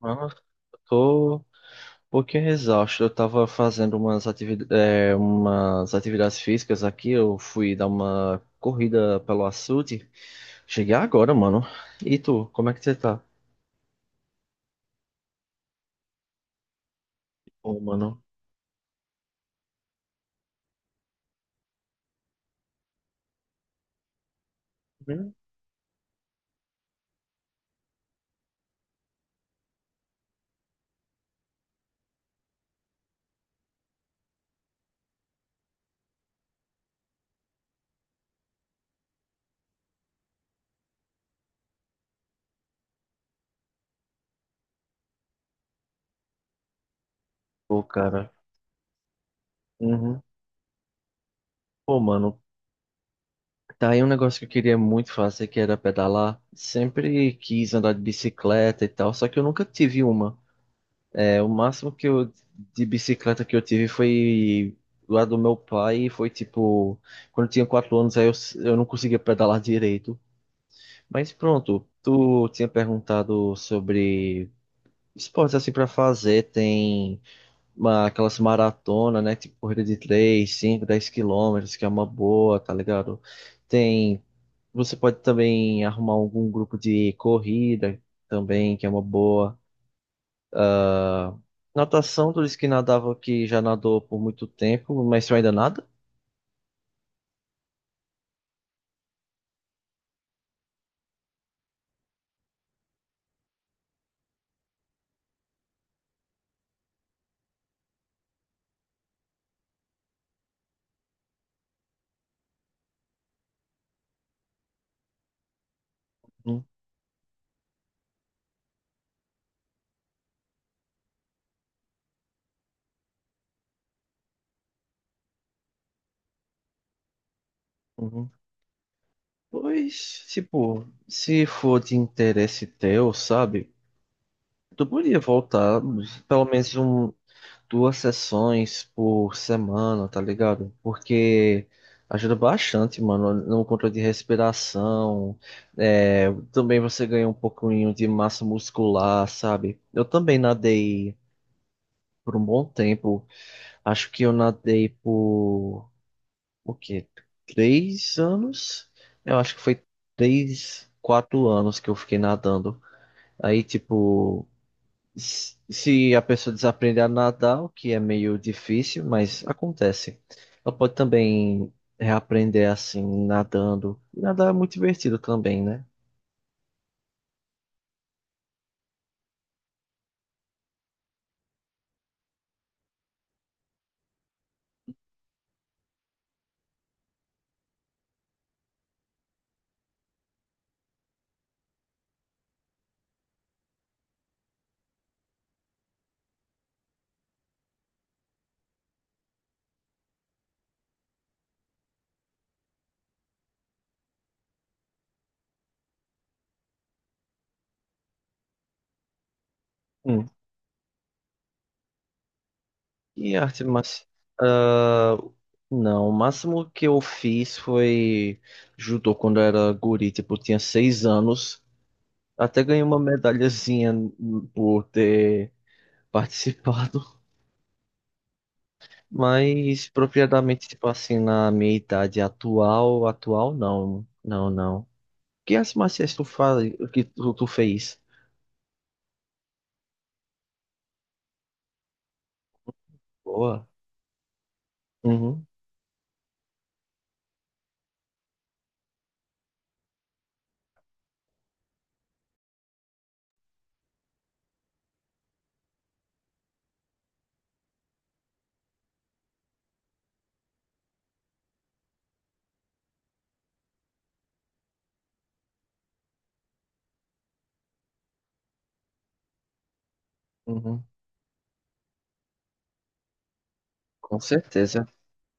Nossa, eu tô um pouquinho exausto. Eu tava fazendo umas atividades físicas aqui. Eu fui dar uma corrida pelo açude. Cheguei agora, mano. E tu, como é que você tá? Pô, mano. Hum? Pô, cara. Uhum. Pô, mano. Tá aí um negócio que eu queria muito fazer, que era pedalar. Sempre quis andar de bicicleta e tal, só que eu nunca tive uma. É, o máximo que eu de bicicleta que eu tive foi lá do meu pai, e foi tipo, quando eu tinha 4 anos, eu não conseguia pedalar direito. Mas pronto, tu tinha perguntado sobre esportes assim pra fazer, tem aquelas maratonas, né? Tipo corrida de 3, 5, 10 quilômetros, que é uma boa, tá ligado? Tem, você pode também arrumar algum grupo de corrida também, que é uma boa. Natação, tu disse que já nadou por muito tempo, mas tu ainda nada? Hum, uhum. Pois, tipo, se for de interesse teu, sabe? Tu podia voltar pelo menos 2 sessões por semana, tá ligado? Porque ajuda bastante, mano, no controle de respiração. É, também você ganha um pouquinho de massa muscular, sabe? Eu também nadei por um bom tempo. Acho que eu nadei por o quê? 3 anos? Eu acho que foi 3, 4 anos que eu fiquei nadando. Aí, tipo, se a pessoa desaprender a nadar, o que é meio difícil, mas acontece. Ela pode também reaprender assim, nadando. E nadar é muito divertido também, né? Hum. E arte marcial. Não, o máximo que eu fiz foi judô quando eu era guri, tipo, eu tinha 6 anos. Até ganhei uma medalhazinha por ter participado, mas propriamente, tipo assim, na minha idade atual, não, não. Que as marciais tu faz, tu fez? Boa. Uhum, uhum, com certeza.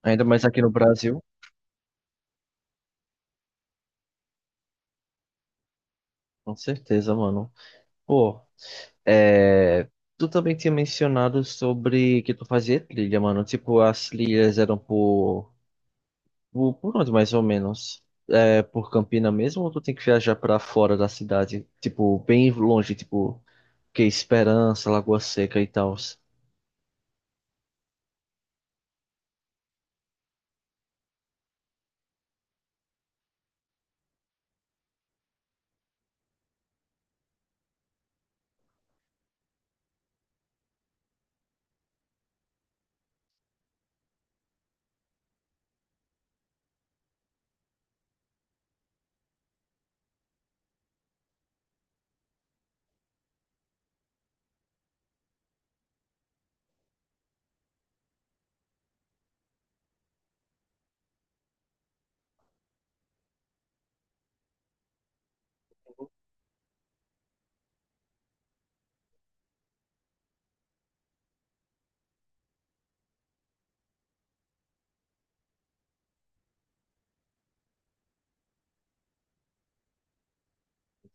Ainda mais aqui no Brasil, com certeza, mano. Pô, é... Tu também tinha mencionado sobre que tu fazia trilha, mano. Tipo, as trilhas eram por por onde mais ou menos? É por Campina mesmo ou tu tem que viajar pra fora da cidade? Tipo, bem longe, tipo, que é Esperança, Lagoa Seca e tal.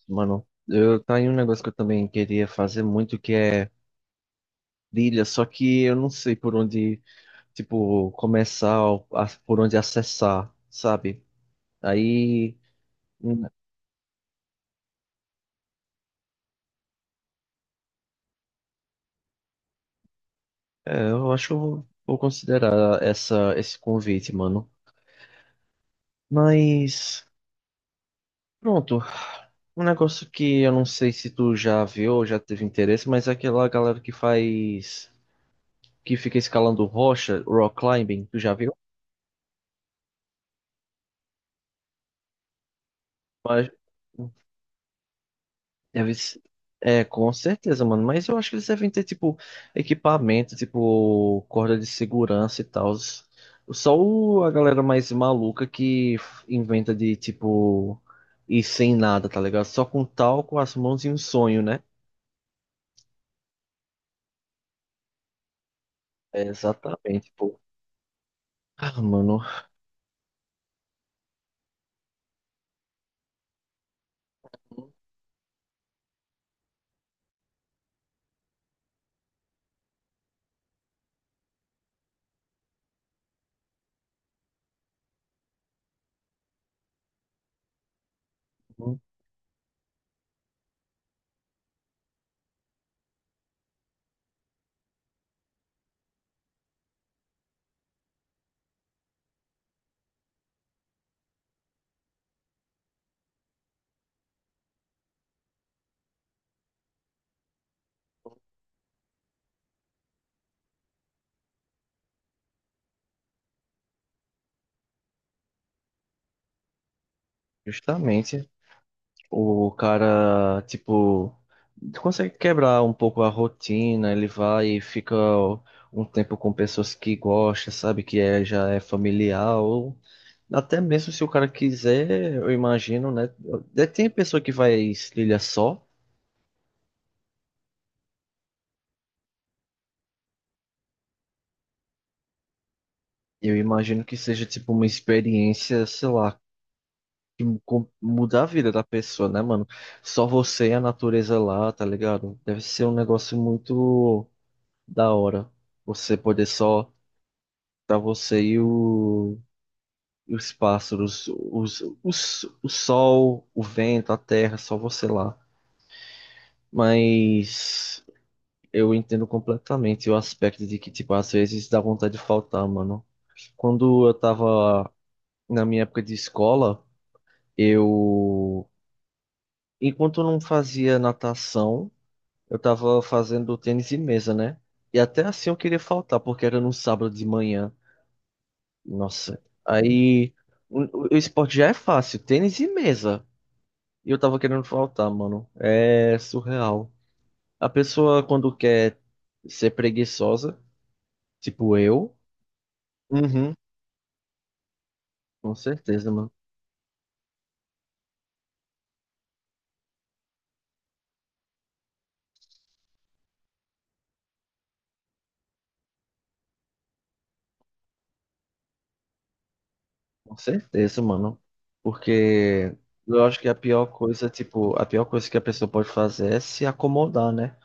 Mano, eu tá aí um negócio que eu também queria fazer muito, que é trilha, só que eu não sei por onde, tipo, começar, por onde acessar, sabe? Aí, hum, eu acho que eu vou, vou considerar esse convite, mano. Mas. Pronto. Um negócio que eu não sei se tu já viu ou já teve interesse, mas é aquela galera que faz, que fica escalando rocha, rock climbing, tu já viu? Mas deve ser- com certeza, mano. Mas eu acho que eles devem ter, tipo, equipamento, tipo, corda de segurança e tal. Só a galera mais maluca que inventa de, tipo, ir sem nada, tá ligado? Só com tal com as mãos e um sonho, né? É, exatamente, pô. Ah, mano. Justamente, o cara, tipo, consegue quebrar um pouco a rotina, ele vai e fica um tempo com pessoas que gosta, sabe, já é familiar, ou até mesmo se o cara quiser, eu imagino, né, até tem pessoa que vai trilha só, eu imagino que seja, tipo, uma experiência, sei lá, que muda a vida da pessoa, né, mano, só você e a natureza lá, tá ligado? Deve ser um negócio muito... da hora. Você poder só tá você e os pássaros, o sol, o vento, a terra, só você lá. Mas eu entendo completamente o aspecto de que, tipo, às vezes dá vontade de faltar, mano. Quando eu tava na minha época de escola, eu, enquanto eu não fazia natação, eu tava fazendo tênis de mesa, né? E até assim eu queria faltar, porque era no sábado de manhã. Nossa, aí o esporte já é fácil, tênis e mesa. E eu tava querendo faltar, mano. É surreal. A pessoa quando quer ser preguiçosa, tipo eu, uhum, com certeza, mano. Com certeza, mano. Porque eu acho que a pior coisa, tipo, a pior coisa que a pessoa pode fazer é se acomodar, né?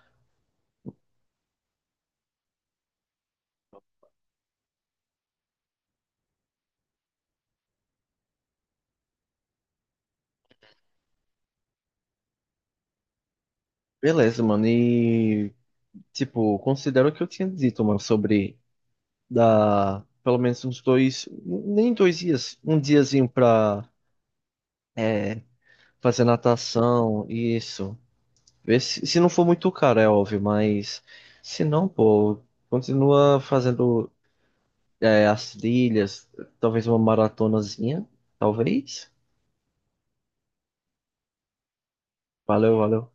Beleza, mano. E, tipo, considero o que eu tinha dito, mano, sobre dá pelo menos uns dois, nem dois dias, um diazinho pra é, fazer natação, isso. Ver se, se não for muito caro, é óbvio, mas se não, pô, continua fazendo as trilhas, talvez uma maratonazinha, talvez. Valeu, valeu.